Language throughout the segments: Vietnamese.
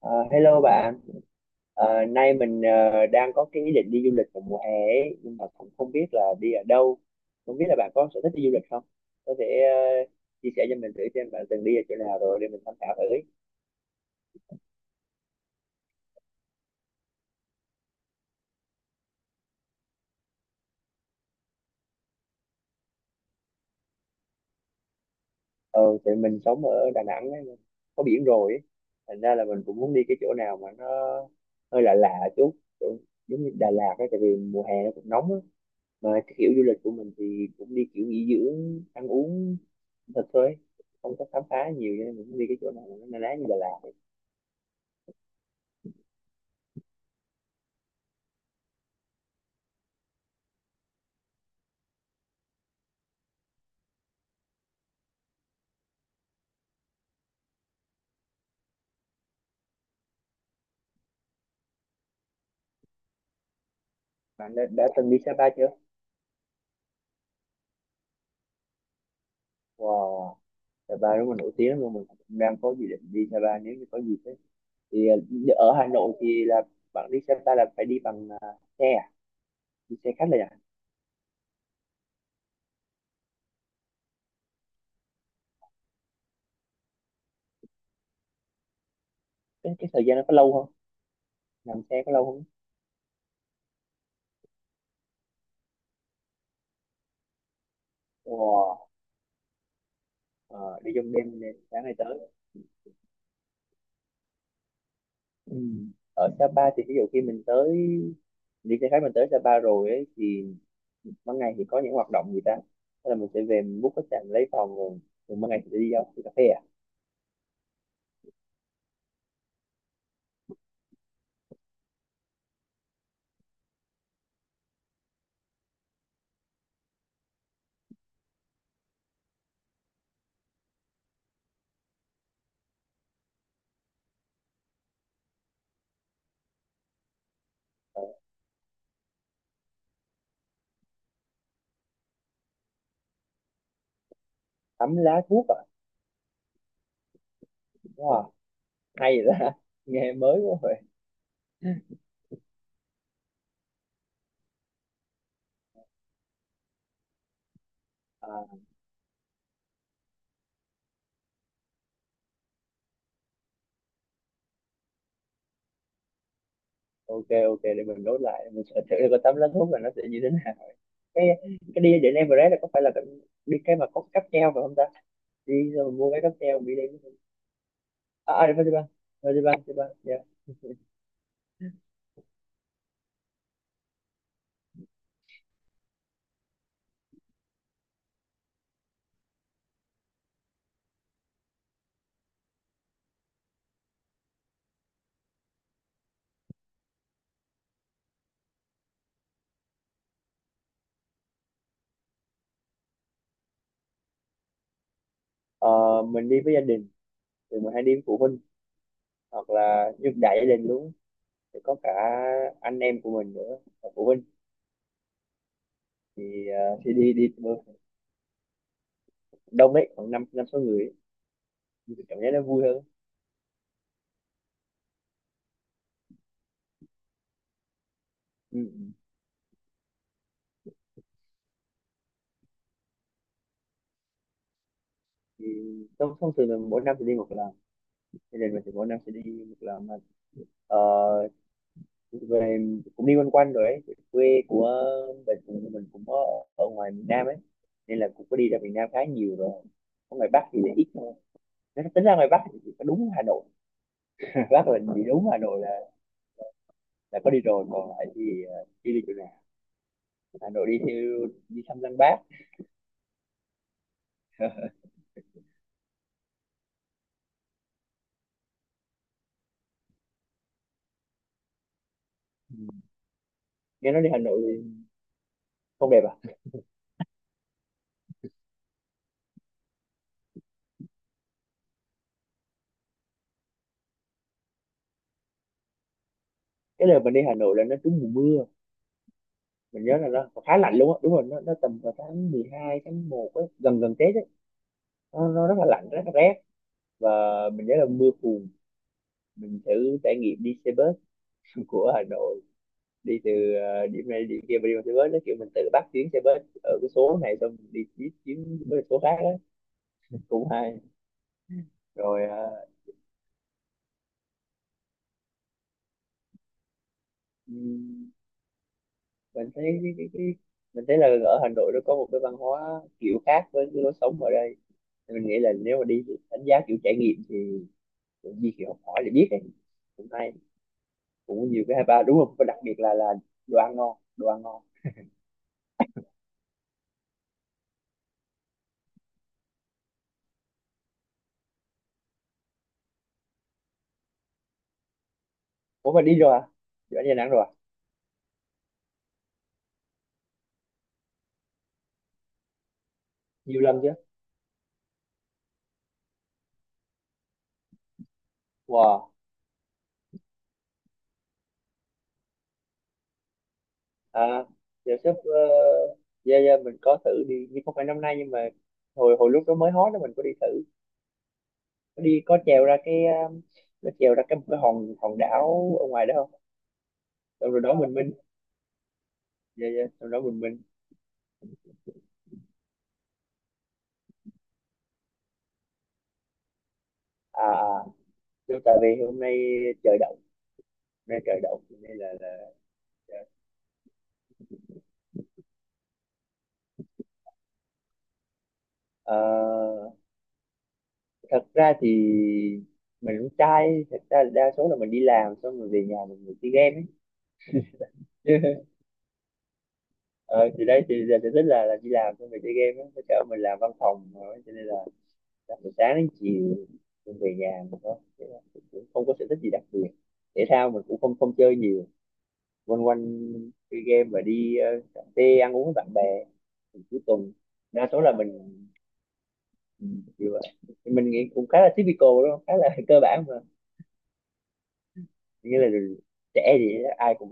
Ờ, Hello bạn. Nay mình đang có cái ý định đi du lịch vào mùa hè ấy, nhưng mà cũng không biết là đi ở đâu. Không biết là bạn có sở thích đi du lịch không? Có thể ờ, chia sẻ cho mình thử xem bạn từng đi ở chỗ nào rồi để mình tham khảo thử. Ờ, thì mình sống ở Đà Nẵng ấy, có biển rồi ấy. Thành ra là mình cũng muốn đi cái chỗ nào mà nó hơi lạ lạ chút, chỗ giống như Đà Lạt ấy, tại vì mùa hè nó cũng nóng á. Mà cái kiểu du lịch của mình thì cũng đi kiểu nghỉ dưỡng ăn uống thật thôi, không có khám phá nhiều, cho nên mình cũng đi cái chỗ nào mà nó na ná như Đà Lạt ấy. Bạn đã từng đi Sapa chưa? Wow, Sapa đúng là nổi tiếng luôn, mình cũng đang có dự định đi Sapa nếu như có dịp ấy. thì ờ, Ở Hà Nội thì là bạn đi Sapa là phải đi bằng xe à? Đi xe khách là à? Cái thời gian nó có lâu không? Làm xe có lâu không? Wow. Ờ, Đi trong đêm này, sáng nay tới. Ừ. Ở Sapa thì ví dụ khi mình tới, đi xe khách mình tới Sapa rồi ấy, thì ban ngày thì có những hoạt động gì ta? Thế là mình sẽ về mình book khách sạn lấy phòng rồi, rồi ban ngày thì đi đâu, đi cà phê à? Ờ, tắm lá thuốc à? Wow, hay vậy ta nghe mới quá rồi. À, ok ok, để mình nốt lại mình sẽ thử coi tắm lá thuốc là nó sẽ như thế nào. cái cái đi đến Everest là có phải là cái, đi cái mà có cáp treo phải không ta? Đi rồi mua cái cáp treo đi đến. À, đi Fansipan. Fansipan yeah. Ờ, mình đi với gia đình, thì mình hay đi với phụ huynh hoặc là như đại gia đình luôn, thì có cả anh em của mình nữa và phụ huynh. Thì đi đi đông ấy, khoảng năm năm sáu người ấy. Thì cảm giác nó vui hơn. Ừ. Ừ. Thì thông thông thường là mỗi năm thì đi một lần, thì lần mình thì mỗi năm sẽ đi một lần mà. ờ, Về cũng đi quanh quanh rồi ấy. Quê của mình cũng, mình cũng có ở ngoài miền Nam ấy, nên là cũng có đi ra miền Nam khá nhiều rồi, ở ngoài Bắc thì lại ít thôi. Nếu tính ra ngoài Bắc thì chỉ có đúng Hà Nội. Bắc là chỉ đúng Hà Nội là có đi rồi, còn lại thì đi đi chỗ nào. Hà Nội đi theo đi thăm Lăng Bác. Ừ. Nghe nói đi Hà Nội thì không đẹp à? Cái đợt mình đi Hà Nội là nó trúng mùa mưa, mình nhớ là nó khá lạnh luôn á, đúng rồi, nó tầm vào tháng mười hai tháng một á, gần gần Tết ấy. Nó rất là lạnh, rất là rét, và mình nhớ là mưa phùn. Mình thử trải nghiệm đi xe bus của Hà Nội, đi từ điểm này điểm kia mà đi bằng xe bus, nó kiểu mình tự bắt chuyến xe bus ở cái số này xong mình đi tiếp chuyến với số khác á. Cũng hay. rồi ờ, ừm, mình thấy cái, mình thấy là ở Hà Nội nó có một cái văn hóa kiểu khác với cái lối sống ở đây. Thì mình nghĩ là nếu mà đi thì đánh giá kiểu trải nghiệm thì tự nhiên thì học hỏi là biết ấy, cũng hay, cũng nhiều cái hay ba đúng không, và đặc biệt là đồ ăn ngon, đồ ăn ngon. Ủa mà đi rồi à, đi ở Đà Nẵng rồi à? Nhiều lần chưa? Wow. À, giờ sắp dạ dạ mình có thử đi nhưng không phải năm nay, nhưng mà hồi hồi lúc đó mới hot đó mình có đi thử. Có đi, có trèo ra cái nó trèo ra cái một cái hòn hòn đảo ở ngoài đó không? Xong rồi đó mình minh, dạ dạ xong đó mình minh. À, đúng tại vì hôm nay trời đậu, hôm nay trời đậu cho nên là ờ, thật ra thì mình cũng trai, thật ra là đa số là mình đi làm xong rồi về nhà mình ngồi chơi game ấy. Ờ, thì đấy, thì giờ sở thích là đi làm xong rồi chơi game ấy, cho mình làm văn phòng mà, cho nên là làm từ sáng đến chiều, mình về nhà mình có, thế là mình cũng không có sở thích gì đặc biệt. Thể thao mình cũng không không chơi nhiều. Quanh quanh chơi game và đi cà phê ăn uống với bạn bè thì cuối tuần. Đa số là mình kiểu vậy. Thì mình nghĩ cũng khá là typical đúng không, khá là cơ bản mà, nghĩa là trẻ thì ai cũng.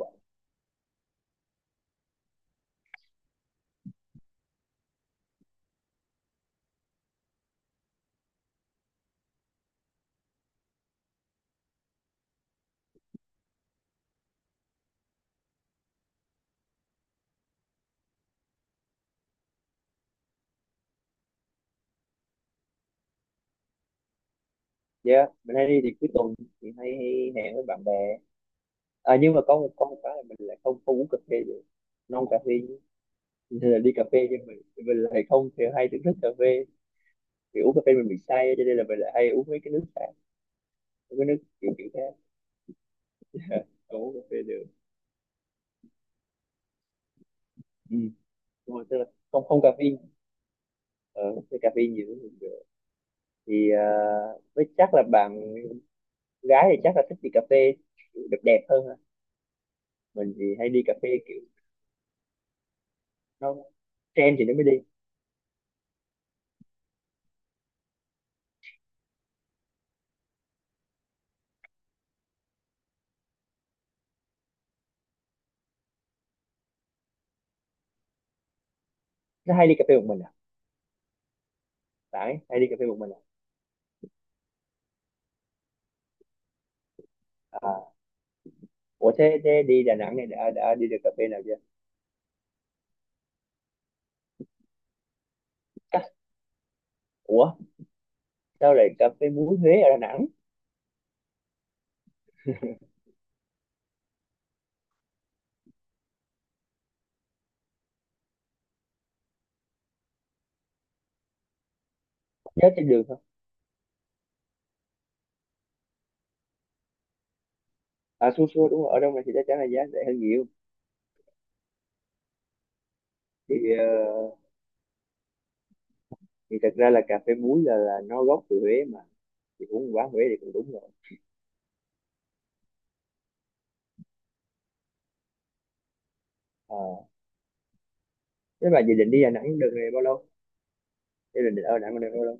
Dạ, mình hay đi thì cuối tuần thì hay hẹn với bạn bè. À, nhưng mà có một, có một cái là mình lại không không uống cà phê được. Non cà phê, nên là đi cà phê nhưng mình lại không thì hay thưởng thức cà phê. Thì uống cà phê mình bị say, cho nên là mình lại hay uống mấy cái nước khác, uống cái nước kiểu kiểu khác, không uống cà phê được. Ừ. Đúng rồi, tức là không không cà phê. Ờ, cái cà phê nhiều cũng không được. Thì à, với chắc là bạn gái thì chắc là thích đi cà phê kiểu đẹp đẹp hơn ha. Mình thì hay đi cà phê kiểu nó trend thì nó mới đi. Nó hay đi cà phê một mình à? Bạn ấy hay đi cà phê một mình. À, ủa thế, thế đi Đà Nẵng này đã đi được cà phê nào chưa? Cà, ủa sao lại cà phê muối Huế ở Đà Nẵng? Giá trên đường không? À xua xua đúng rồi, ở đâu này thì chắc chắn là giá rẻ hơn nhiều. Thì thì thật ra là cà phê muối là nó gốc từ Huế mà, thì uống quán Huế thì cũng đúng rồi. Ờ, thế mà dự định đi Đà Nẵng được này bao lâu? Thế định ở Đà Nẵng được bao lâu?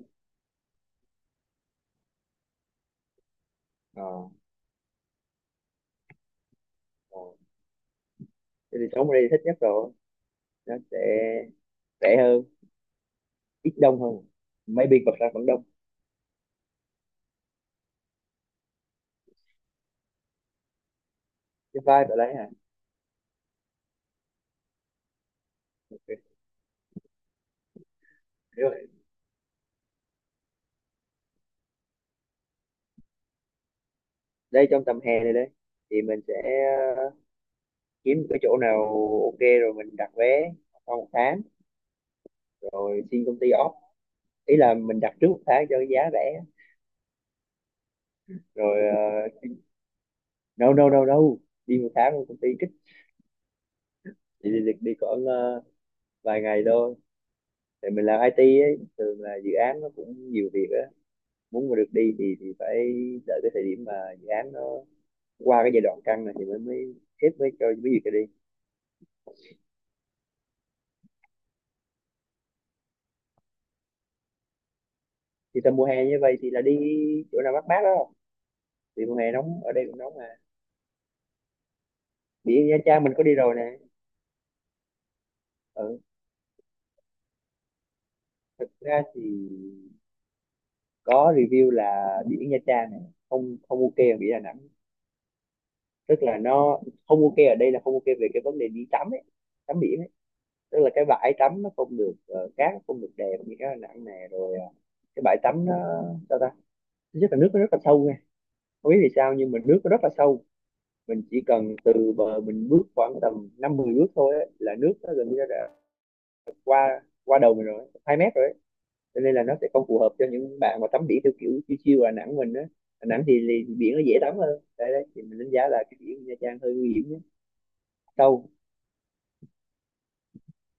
Ờ, ờ. Thế thì sống ở đây thích nhất rồi. Nó sẽ rẻ hơn, ít đông hơn. Maybe còn ra vẫn đông. Cái vibe ở đấy hả? Ok, hiểu rồi. Đây trong tầm hè này đây thì mình sẽ kiếm một cái chỗ nào ok rồi mình đặt vé sau một tháng, rồi xin công ty off, ý là mình đặt trước một tháng cho cái giá rẻ. Rồi uh, no no no no, đi một tháng rồi công ty kích. Đi khoảng vài ngày thôi. Tại mình làm IT ấy, thường là dự án nó cũng nhiều việc á, muốn mà được đi thì phải đợi cái thời điểm mà dự án nó qua cái giai đoạn căng này thì mới mới xếp mới cho cái gì cho đi. Thì tầm mùa hè như vậy thì là đi chỗ nào mát mát đó không? Thì mùa hè nóng, ở đây cũng nóng mà. Biển Nha Trang mình có đi rồi nè. Ừ, thực ra thì có review là biển Nha Trang này không không ok, ở biển Đà Nẵng, tức là nó không ok ở đây là không ok về cái vấn đề đi tắm ấy, tắm biển ấy. Tức là cái bãi tắm nó không được cát nó không được đẹp như cái Đà Nẵng này, rồi cái bãi tắm nó sao ta, thứ nhất là nước nó rất là sâu nha, không biết vì sao nhưng mà nước nó rất là sâu. Mình chỉ cần từ bờ mình bước khoảng tầm năm mười bước thôi ấy, là nước nó gần như đã qua qua đầu mình rồi, 2 mét rồi. Cho nên là nó sẽ không phù hợp cho những bạn mà tắm biển theo kiểu chiêu chiêu Đà Nẵng mình á. Đà Nẵng thì biển nó dễ tắm hơn, đấy đấy thì mình đánh giá là cái biển Nha Trang hơi nguy hiểm nhé. Sâu.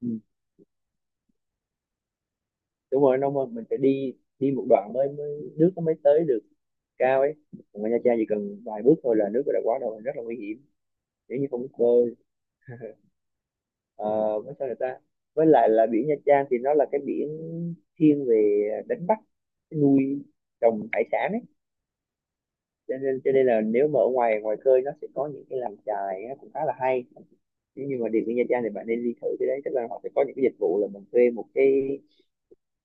Ừ. Đúng rồi, nó mà mình phải đi, đi một đoạn mới nước nó mới tới được cao ấy. Còn ở Nha Trang chỉ cần vài bước thôi là nước đã quá đầu, rất là nguy hiểm nếu như không biết bơi. À, với sao người ta, với lại là biển Nha Trang thì nó là cái biển thiên về đánh bắt, nuôi trồng hải sản ấy, cho nên là nếu mà ở ngoài ngoài khơi nó sẽ có những cái làm chài nó cũng khá là hay. Nếu như mà đi với Nha Trang thì bạn nên đi thử cái đấy, tức là họ sẽ có những cái dịch vụ là mình thuê một cái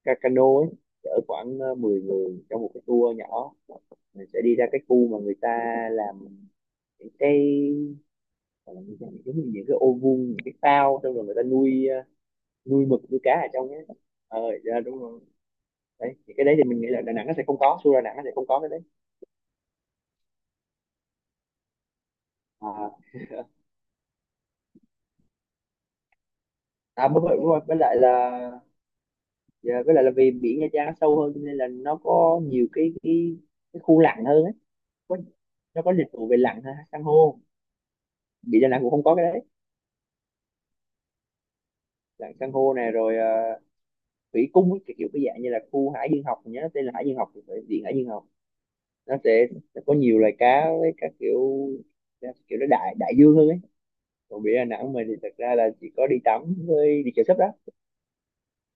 cano ấy, chở khoảng 10 người trong một cái tour nhỏ, mình sẽ đi ra cái khu mà người ta làm những cái, gọi là những cái giống như những cái ô vuông, những cái phao xong rồi người ta nuôi nuôi mực nuôi cá ở trong ấy. Ờ dạ, đúng rồi. Đấy thì cái đấy thì mình nghĩ là Đà Nẵng nó sẽ không có, Xu Đà Nẵng nó sẽ không có cái đấy. À, à đúng rồi đúng rồi, với lại là, dạ, với lại là vì biển Nha Trang nó sâu hơn, cho nên là nó có nhiều cái khu lặn hơn ấy. Có, nó có dịch vụ về lặn ha, san hô. Biển Đà Nẵng cũng không có cái đấy. Lặn san hô này rồi thủy cung ấy, kiểu kiểu cái dạng như là khu hải dương học, mình nhớ nó tên là hải dương học thì phải, biển hải dương học. Nó sẽ có nhiều loài cá với các kiểu, kiểu nó đại đại dương hơn ấy. Còn biển Đà Nẵng mình thì thật ra là chỉ có đi tắm với đi chèo súp đó.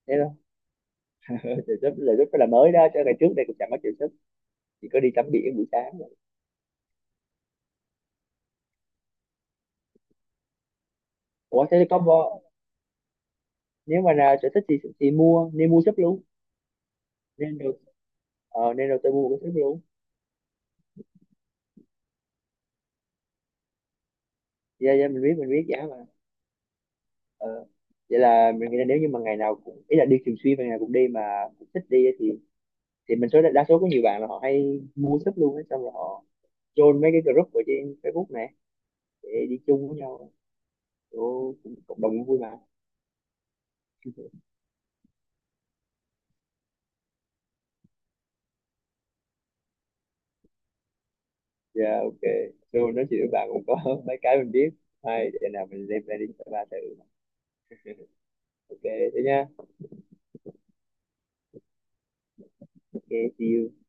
Thế thôi. Chèo súp là rất là mới đó, cho ngày trước đây cũng chẳng có chèo súp, chỉ có đi tắm biển buổi sáng. Ủa thế thì có nếu mà nào sở thích thì mua, nên mua sấp luôn, nên được. Ờ, nên đầu tư mua một cái sấp luôn. Dạ dạ mình biết, mình biết giá mà. Ờ. Vậy là mình nghĩ là nếu như mà ngày nào cũng, ý là đi thường xuyên và ngày nào cũng đi mà cũng thích đi ấy, thì mình số đa số có nhiều bạn là họ hay mua sấp luôn ấy, xong rồi họ join mấy cái group ở trên Facebook này để đi chung với nhau. Ồ, cũng cộng đồng cũng vui mà. Dạ ok. Luôn nói chuyện với bạn cũng có mấy cái mình biết hay, để nào mình lên plan đi ba thử. Ok thế nha. Ok, see you.